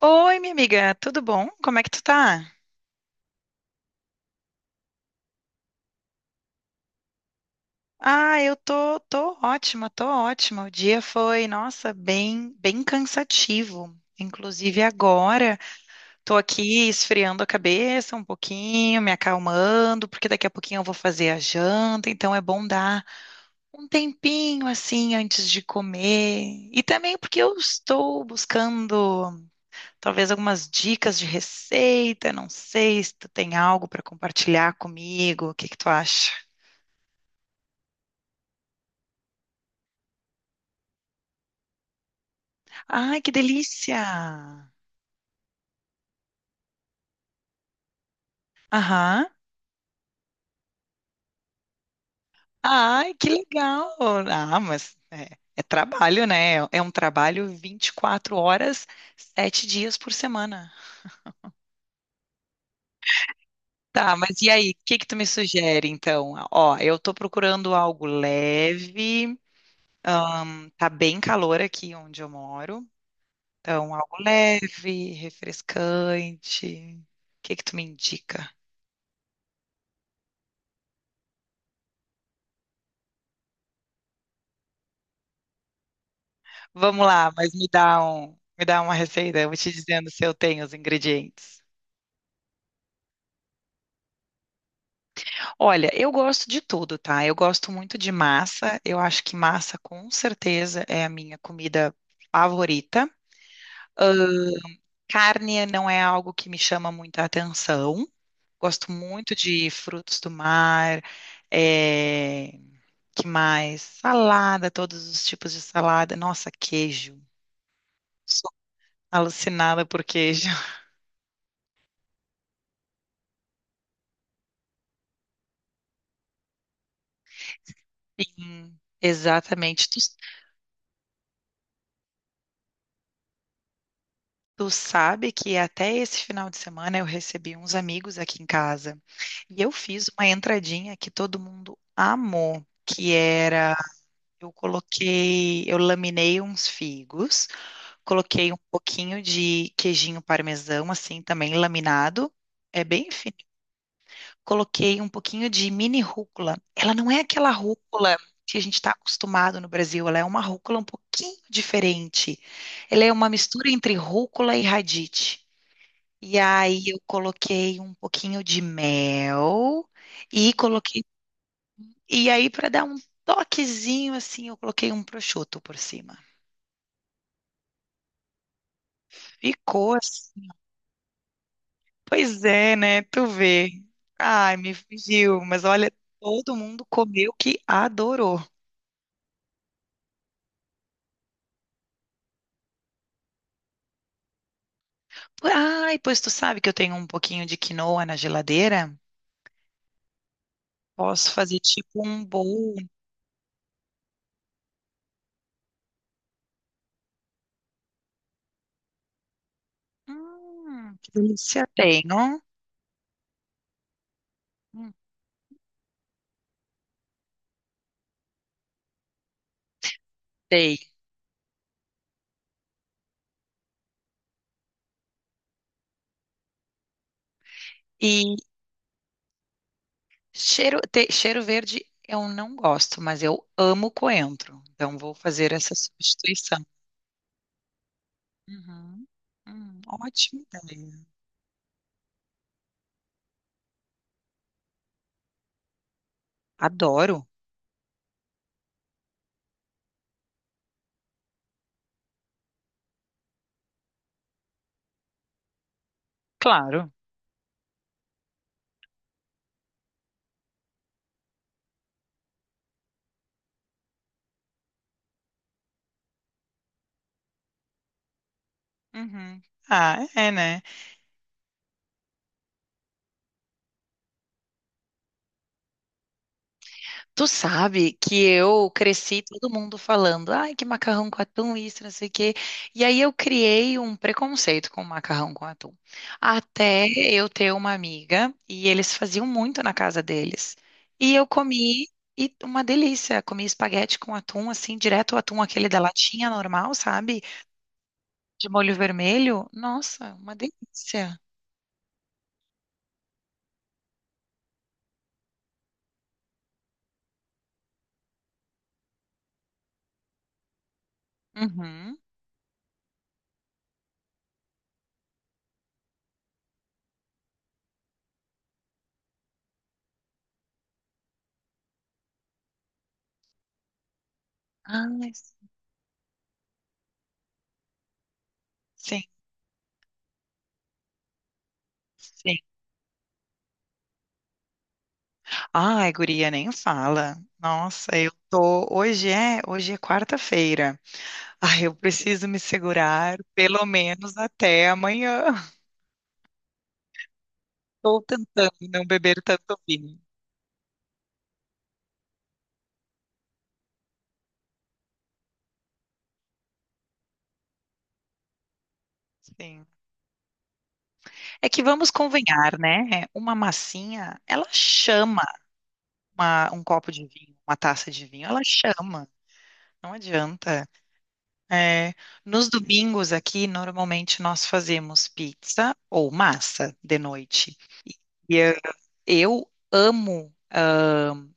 Oi, minha amiga, tudo bom? Como é que tu tá? Ah, eu tô ótima, tô ótima. O dia foi, nossa, bem cansativo. Inclusive agora, tô aqui esfriando a cabeça um pouquinho, me acalmando, porque daqui a pouquinho eu vou fazer a janta, então é bom dar um tempinho assim antes de comer. E também porque eu estou buscando talvez algumas dicas de receita, não sei se tu tem algo para compartilhar comigo, o que que tu acha? Ai, que delícia! Aham. Ai, que legal! Ah, mas é, é trabalho, né? É um trabalho 24 horas, 7 dias por semana. Tá, mas e aí, o que que tu me sugere, então? Ó, eu tô procurando algo leve, tá bem calor aqui onde eu moro, então algo leve, refrescante. O que que tu me indica? Vamos lá, mas me dá uma receita, eu vou te dizendo se eu tenho os ingredientes. Olha, eu gosto de tudo, tá? Eu gosto muito de massa. Eu acho que massa, com certeza, é a minha comida favorita. Carne não é algo que me chama muita atenção. Gosto muito de frutos do mar, é... que mais? Salada, todos os tipos de salada. Nossa, queijo. Sou alucinada por queijo. Sim, exatamente. Tu sabe que até esse final de semana eu recebi uns amigos aqui em casa e eu fiz uma entradinha que todo mundo amou, que era eu laminei uns figos, coloquei um pouquinho de queijinho parmesão assim também laminado, é bem fino. Coloquei um pouquinho de mini rúcula. Ela não é aquela rúcula que a gente está acostumado no Brasil, ela é uma rúcula um pouquinho diferente. Ela é uma mistura entre rúcula e radite. E aí eu coloquei um pouquinho de mel e coloquei e aí para dar um toquezinho assim, eu coloquei um prosciutto por cima. Ficou assim. Pois é, né? Tu vê. Ai, me fugiu, mas olha, todo mundo comeu que adorou. Ai, pois tu sabe que eu tenho um pouquinho de quinoa na geladeira? Posso fazer tipo um bowl. Que delícia. Tenho. Hum, Sei. E Cheiro verde eu não gosto, mas eu amo coentro. Então vou fazer essa substituição. Uhum. Ótima ideia. Adoro. Claro. Uhum. Ah, é, né? Tu sabe que eu cresci todo mundo falando, ai, que macarrão com atum, isso, não sei o quê. E aí eu criei um preconceito com macarrão com atum. Até eu ter uma amiga, e eles faziam muito na casa deles. E eu comi, e uma delícia. Comi espaguete com atum, assim, direto o atum, aquele da latinha normal, sabe? De molho vermelho. Nossa, uma delícia. Uhum. Ai, sim, sim. Ai, guria, nem fala. Nossa, eu tô. Hoje é quarta-feira. Ai, eu preciso me segurar pelo menos até amanhã. Estou tentando não beber tanto vinho. Sim. É que vamos convenhar, né? Uma massinha, ela chama um copo de vinho, uma taça de vinho, ela chama. Não adianta. É, nos domingos aqui, normalmente nós fazemos pizza ou massa de noite. E eu amo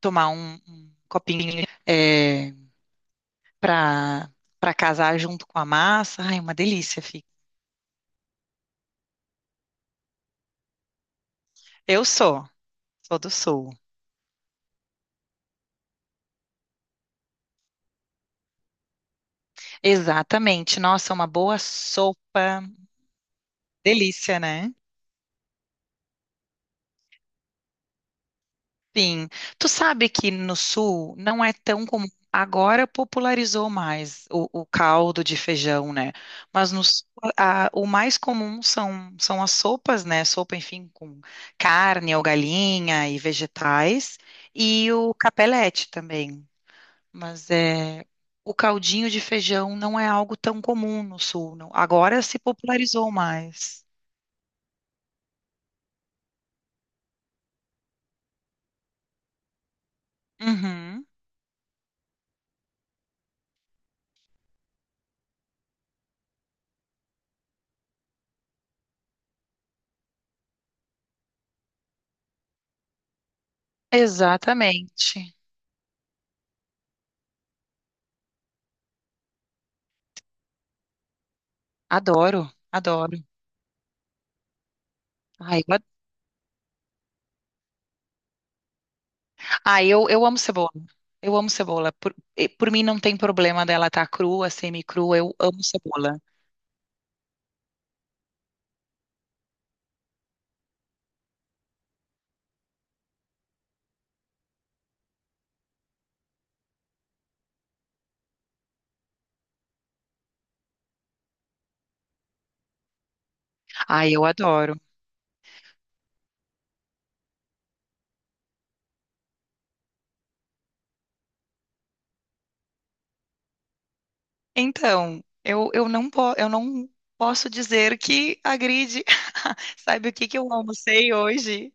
um copinho é, para para casar junto com a massa. Ai, uma delícia, fica. Eu sou, sou do sul. Exatamente. Nossa, uma boa sopa. Delícia, né? Sim. Tu sabe que no sul não é tão comum. Agora popularizou mais o caldo de feijão, né? Mas no sul, o mais comum são, são as sopas, né? Sopa, enfim, com carne ou galinha e vegetais. E o capelete também. Mas é, o caldinho de feijão não é algo tão comum no sul, não. Agora se popularizou mais. Uhum, exatamente. Adoro, adoro. Ai, eu, ad- ai, eu amo cebola. Eu amo cebola. E por mim não tem problema dela estar crua, semi-crua. Eu amo cebola. Ai, eu adoro. Eu não posso dizer que agride. Sabe o que que eu almocei hoje?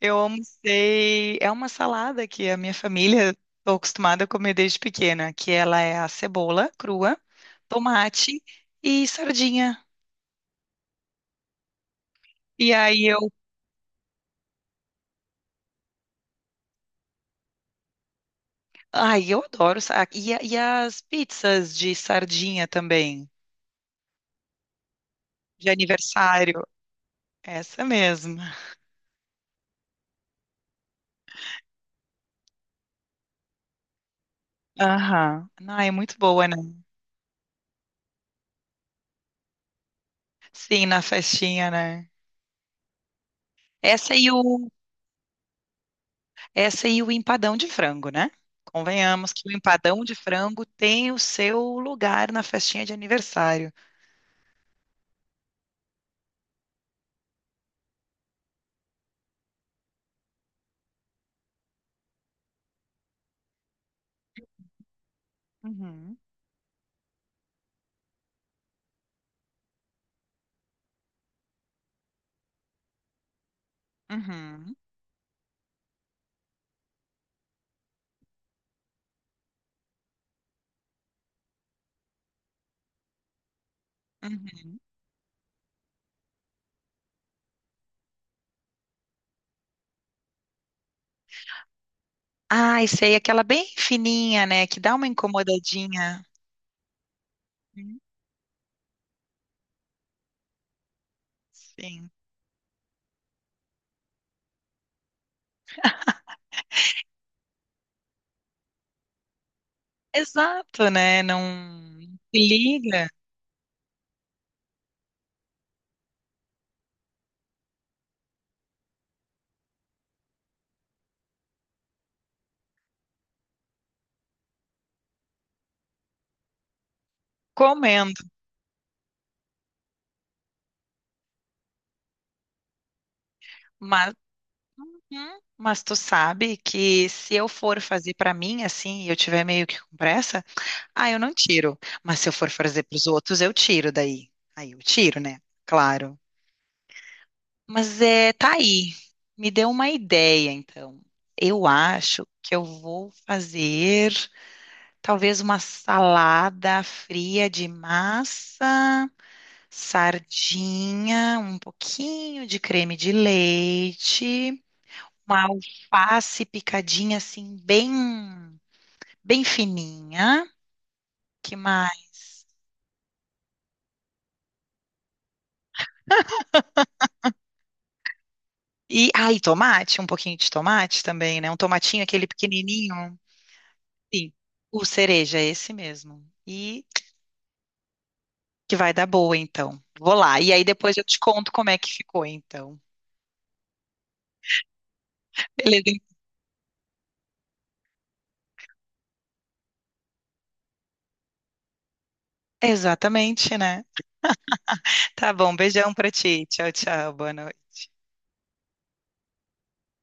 Eu almocei. É uma salada que a minha família estou acostumada a comer desde pequena, que ela é a cebola crua, tomate e sardinha. E aí eu, ai, eu adoro. E as pizzas de sardinha também, de aniversário. Essa mesmo. Aham. Ah, é muito boa, né? Sim, na festinha, né? Essa e o Essa e o empadão de frango, né? Convenhamos que o empadão de frango tem o seu lugar na festinha de aniversário. Uhum, uhum, uhum. Ai, sei, aquela bem fininha, né? Que dá uma incomodadinha. Hum, Sim. Exato, né? Não se liga comendo. Mas, uhum, mas tu sabe que se eu for fazer pra mim assim, e eu tiver meio que com pressa. Ah, eu não tiro. Mas se eu for fazer para os outros, eu tiro daí. Aí eu tiro, né? Claro. Mas é, tá aí. Me deu uma ideia, então. Eu acho que eu vou fazer talvez uma salada fria de massa, sardinha, um pouquinho de creme de leite, uma alface picadinha assim bem fininha. Que mais? E aí, tomate, um pouquinho de tomate também, né? Um tomatinho, aquele pequenininho. Sim, o cereja, é esse mesmo. E que vai dar boa, então. Vou lá. E aí depois eu te conto como é que ficou, então. Beleza? Exatamente, né? Tá bom, beijão pra ti. Tchau, tchau. Boa noite.